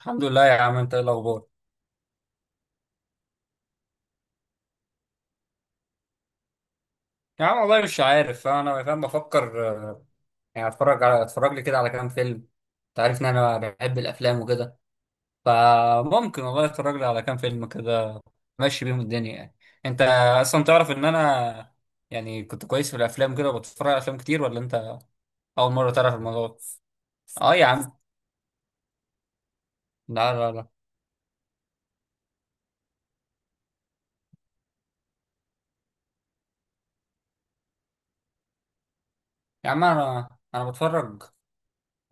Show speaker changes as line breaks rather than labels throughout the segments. الحمد لله يا عم، انت ايه الاخبار؟ يا عم والله مش عارف. انا فاهم بفكر. يعني اتفرج لي كده على كام فيلم. انت عارف ان انا بحب الافلام وكده، فممكن والله اتفرج لي على كام فيلم كده، ماشي بيهم الدنيا يعني. انت اصلا تعرف ان انا، يعني كنت كويس في الافلام كده وبتفرج على افلام كتير، ولا انت اول مره تعرف الموضوع ده؟ اه يا عم. لا لا لا يا عم، انا، انا بتفرج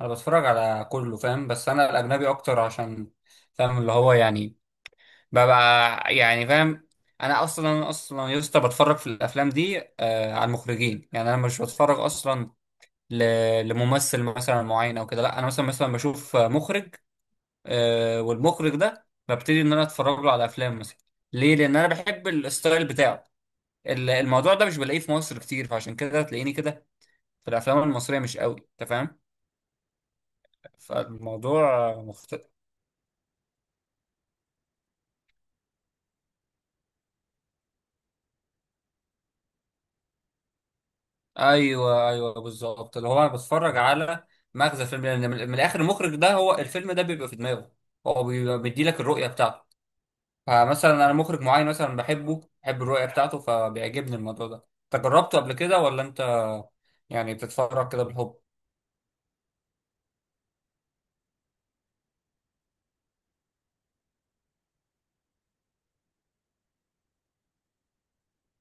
انا بتفرج على كله فاهم، بس انا الاجنبي اكتر عشان فاهم اللي هو يعني، ببقى يعني فاهم. انا اصلا يا اسطى بتفرج في الافلام دي على المخرجين. يعني انا مش بتفرج اصلا ل... لممثل مثلا معين او كده، لا انا مثلا بشوف مخرج. والمخرج ده ببتدي ان انا اتفرج له على افلام مثلا. ليه؟ لان انا بحب الستايل بتاعه. الموضوع ده مش بلاقيه في مصر كتير، فعشان كده تلاقيني كده في الافلام المصريه مش قوي، انت فاهم؟ فالموضوع مختلف. ايوه ايوه بالظبط، اللي هو انا بتفرج على مغزى الفيلم، لان من الاخر المخرج ده هو الفيلم ده بيبقى في دماغه، هو بيبقى مديلك الرؤيه بتاعته. فمثلا انا مخرج معين مثلا بحبه، بحب الرؤيه بتاعته فبيعجبني الموضوع ده. انت جربته قبل كده ولا انت، يعني بتتفرج كده بالحب؟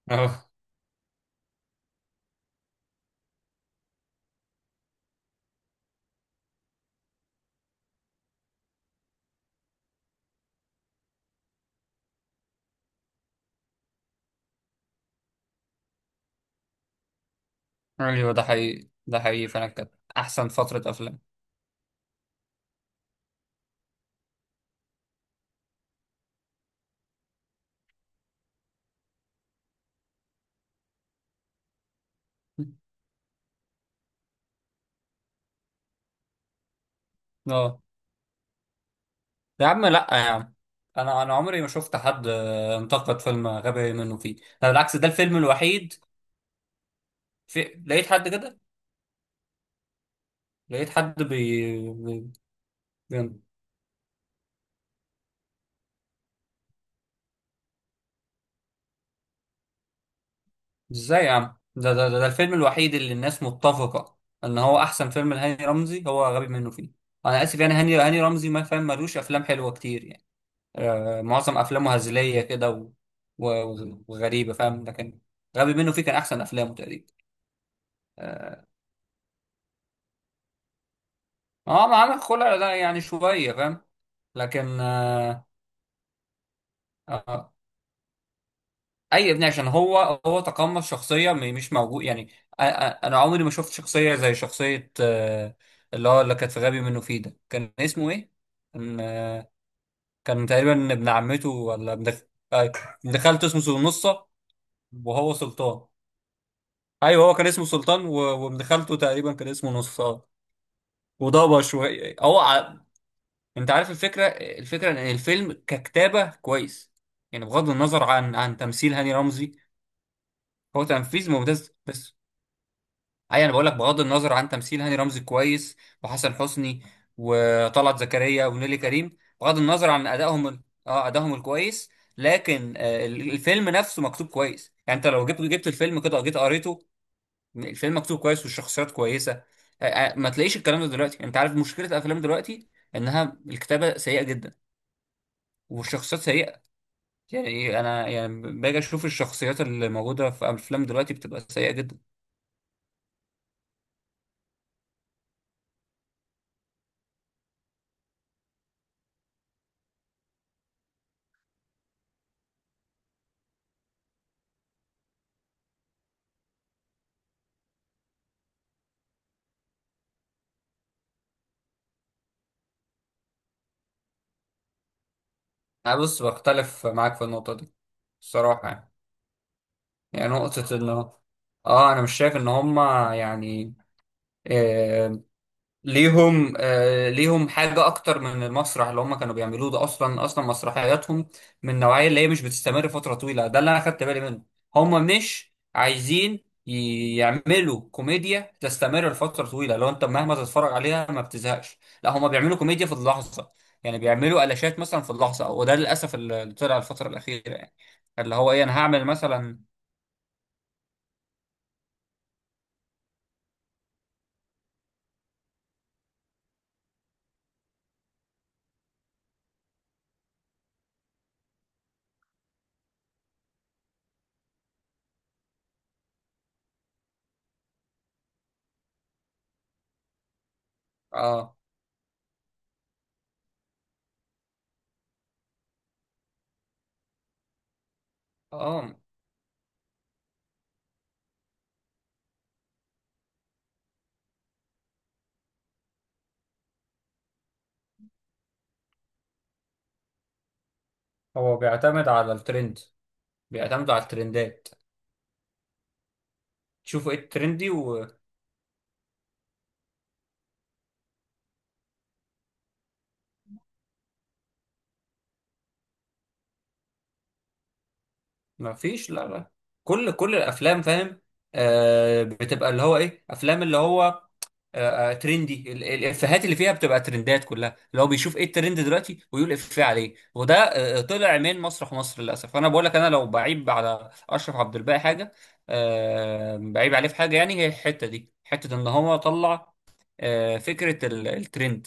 اه. ايوه ده حقيقي، ده حقيقي فعلا كده. احسن فتره افلام. اه يا عم، لا يا عم، انا عمري ما شفت حد انتقد فيلم غبي منه فيه، ده بالعكس ده الفيلم الوحيد. لقيت حد كده، لقيت حد بي- ازاي يا عم؟ ده الفيلم الوحيد اللي الناس متفقة ان هو احسن فيلم لهاني رمزي هو غبي منه فيه. انا اسف يعني، هاني رمزي ما فاهم ملوش افلام حلوة كتير يعني. معظم افلامه هزلية كده وغريبة فاهم، لكن غبي منه فيه كان احسن افلامه تقريبا. اه. ما عمل خلع لا يعني شوية فاهم، لكن آه اي ابني، عشان هو تقمص شخصيه مش موجود يعني انا عمري ما شفت شخصيه زي شخصيه اللي هو اللي كانت في غبي منه فيه ده، كان اسمه ايه؟ كان كان تقريبا ابن عمته ولا ابن آه، ابن خالته اسمه سلنصة، وهو سلطان. ايوه هو كان اسمه سلطان وابن خالته تقريبا كان اسمه نصار، وضبه شويه هو انت عارف الفكره، ان الفيلم ككتابه كويس يعني، بغض النظر عن تمثيل هاني رمزي، هو تنفيذ ممتاز بس. اي انا بقول لك بغض النظر عن تمثيل هاني رمزي كويس، وحسن حسني وطلعت زكريا ونيلي كريم، بغض النظر عن ادائهم اه ادائهم الكويس. لكن الفيلم نفسه مكتوب كويس، يعني انت لو جبت الفيلم كده جيت قريته. الفيلم مكتوب كويس والشخصيات كويسه. ما تلاقيش الكلام ده دلوقتي يعني، انت عارف مشكله الافلام دلوقتي انها الكتابه سيئه جدا والشخصيات سيئه. يعني إيه، انا يعني باجي اشوف الشخصيات اللي موجوده في افلام دلوقتي بتبقى سيئه جدا. انا بص بختلف معاك في النقطه دي، الصراحه يعني. يعني نقطة انه، اه انا مش شايف ان هما يعني آه ليهم حاجة اكتر من المسرح اللي هما كانوا بيعملوه ده، اصلا مسرحياتهم من النوعية اللي هي مش بتستمر فترة طويلة، ده اللي انا خدت بالي منه. هما مش عايزين يعملوا كوميديا تستمر لفترة طويلة لو انت مهما تتفرج عليها ما بتزهقش، لا هما بيعملوا كوميديا في اللحظة. يعني بيعملوا قلاشات مثلا في اللحظة، وده للأسف اللي طلع الفترة الأخيرة يعني، اللي هو ايه انا هعمل مثلا. اه. اه هو بيعتمد على الترند، بيعتمد على الترندات. تشوفوا ايه الترندي وما فيش. لا لا. كل الافلام فاهم، بتبقى اللي هو ايه افلام اللي هو ترندي. الافيهات اللي فيها بتبقى ترندات كلها، اللي هو بيشوف ايه الترند دلوقتي ويقول افيه عليه. وده طلع من مسرح مصر للاسف. انا بقول لك انا لو بعيب على اشرف عبد الباقي حاجه، بعيب عليه في حاجه، يعني هي الحته دي حته ان هو طلع فكره الترند.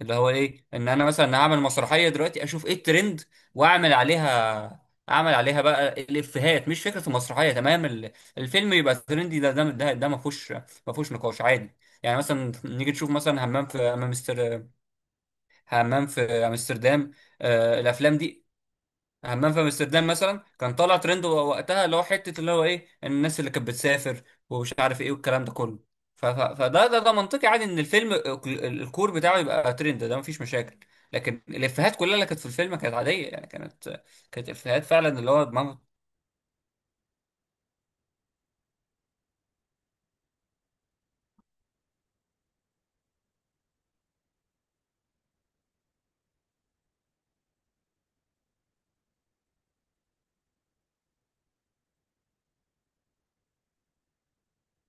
اللي هو ايه، ان انا مثلا اعمل مسرحيه دلوقتي اشوف ايه الترند واعمل عليها، اعمل عليها بقى الافيهات، مش فكره المسرحيه تمام الفيلم يبقى ترندي. ده ما فيهوش، ما فيهوش نقاش عادي. يعني مثلا نيجي نشوف مثلا همام في امستردام. الافلام دي، همام في امستردام مثلا كان طالع ترند وقتها، اللي هو حته اللي هو ايه الناس اللي كانت بتسافر ومش عارف ايه والكلام ده كله. فده ده, ده منطقي عادي، ان الفيلم الكور بتاعه يبقى ترند، ده مفيش مشاكل. لكن الافيهات كلها اللي كانت في الفيلم كانت عاديه يعني، كانت افيهات فعلا اللي هو.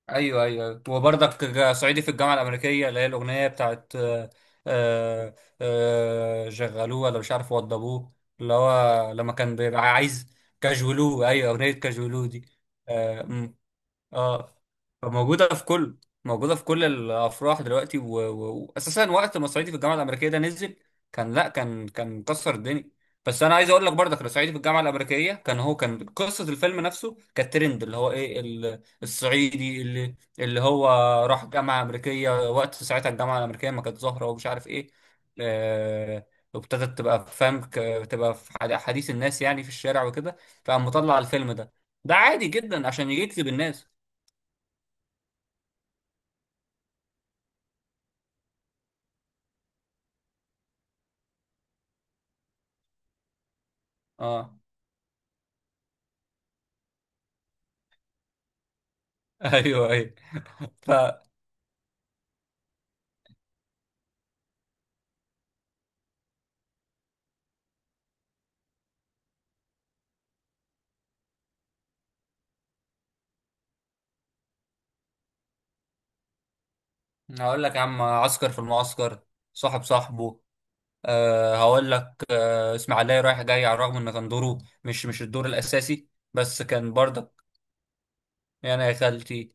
ايوه ايوه وبرضك صعيدي في الجامعه الامريكيه، اللي هي الاغنيه بتاعت آه، شغلوه ولا مش عارف وضبوه، اللي هو لما كان بيبقى عايز كاجولوه، ايوه اغنيه كاجولوه دي. اه. فموجودة في كل، موجودة في كل الأفراح دلوقتي وأساسا وقت ما صعيدي في الجامعة الأمريكية ده نزل كان، لا كان مكسر الدنيا. بس أنا عايز أقول لك برضك، لو صعيدي في الجامعة الأمريكية كان، هو كان قصة الفيلم نفسه كانت ترند، اللي هو إيه الصعيدي اللي هو راح جامعة أمريكية وقت ساعتها الجامعة الأمريكية ما كانت ظاهرة، ومش عارف إيه آه... وابتدت تبقى فاهم، تبقى في حديث الناس يعني في الشارع وكده. فقام مطلع الفيلم ده، ده عادي جدا عشان يجذب الناس. اه. ايوه ايوه. ف هقول لك يا عم عسكر في المعسكر، صاحب صاحبه. أه هقول لك أه اسماعيليه رايح جاي، على الرغم ان كان دوره مش الدور الاساسي، بس كان برضك. يعني يا خالتي.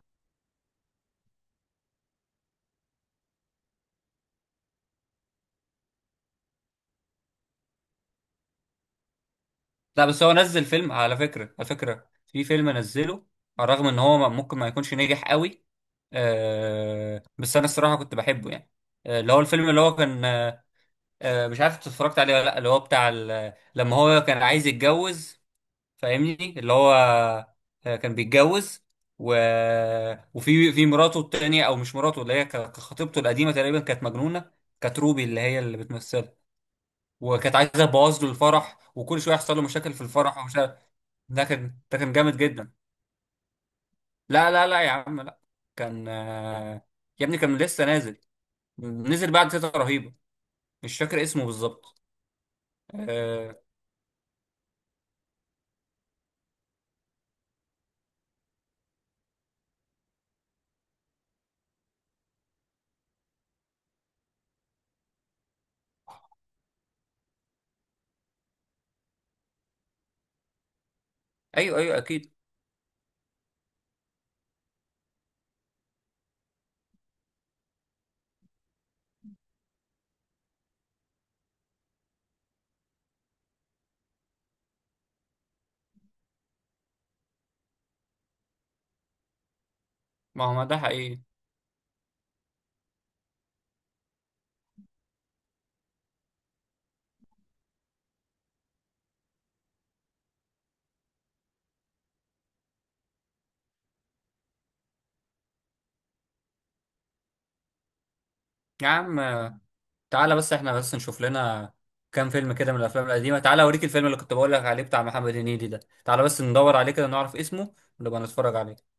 لا بس هو نزل فيلم، على فكره في فيلم نزله، على الرغم ان هو ممكن ما يكونش نجح قوي. أه بس انا الصراحه كنت بحبه يعني. اللي هو الفيلم اللي هو كان أه، مش عارف إنت اتفرجت عليه ولا لا، اللي هو بتاع لما هو كان عايز يتجوز. فاهمني اللي هو كان بيتجوز و... وفي مراته التانية او مش مراته، اللي هي خطيبته القديمة تقريبا كانت مجنونة. كانت روبي اللي هي اللي بتمثلها، وكانت عايزة تبوظ له الفرح، وكل شوية يحصل له مشاكل في الفرح ومش عارف. ده كان جامد جدا. لا لا لا يا عم لا. كان يا ابني كان لسه نازل، نزل بعد تيتا رهيبة، مش فاكر اسمه بالظبط. آه، ايوه ايوه اكيد. ما هو ما ده حقيقي. يا عم تعالى بس، احنا بس نشوف لنا كام فيلم كده من الافلام القديمه، تعالى اوريك الفيلم اللي كنت بقول لك عليه بتاع محمد هنيدي ده، تعالى بس ندور عليه كده نعرف اسمه ونبقى نتفرج عليه.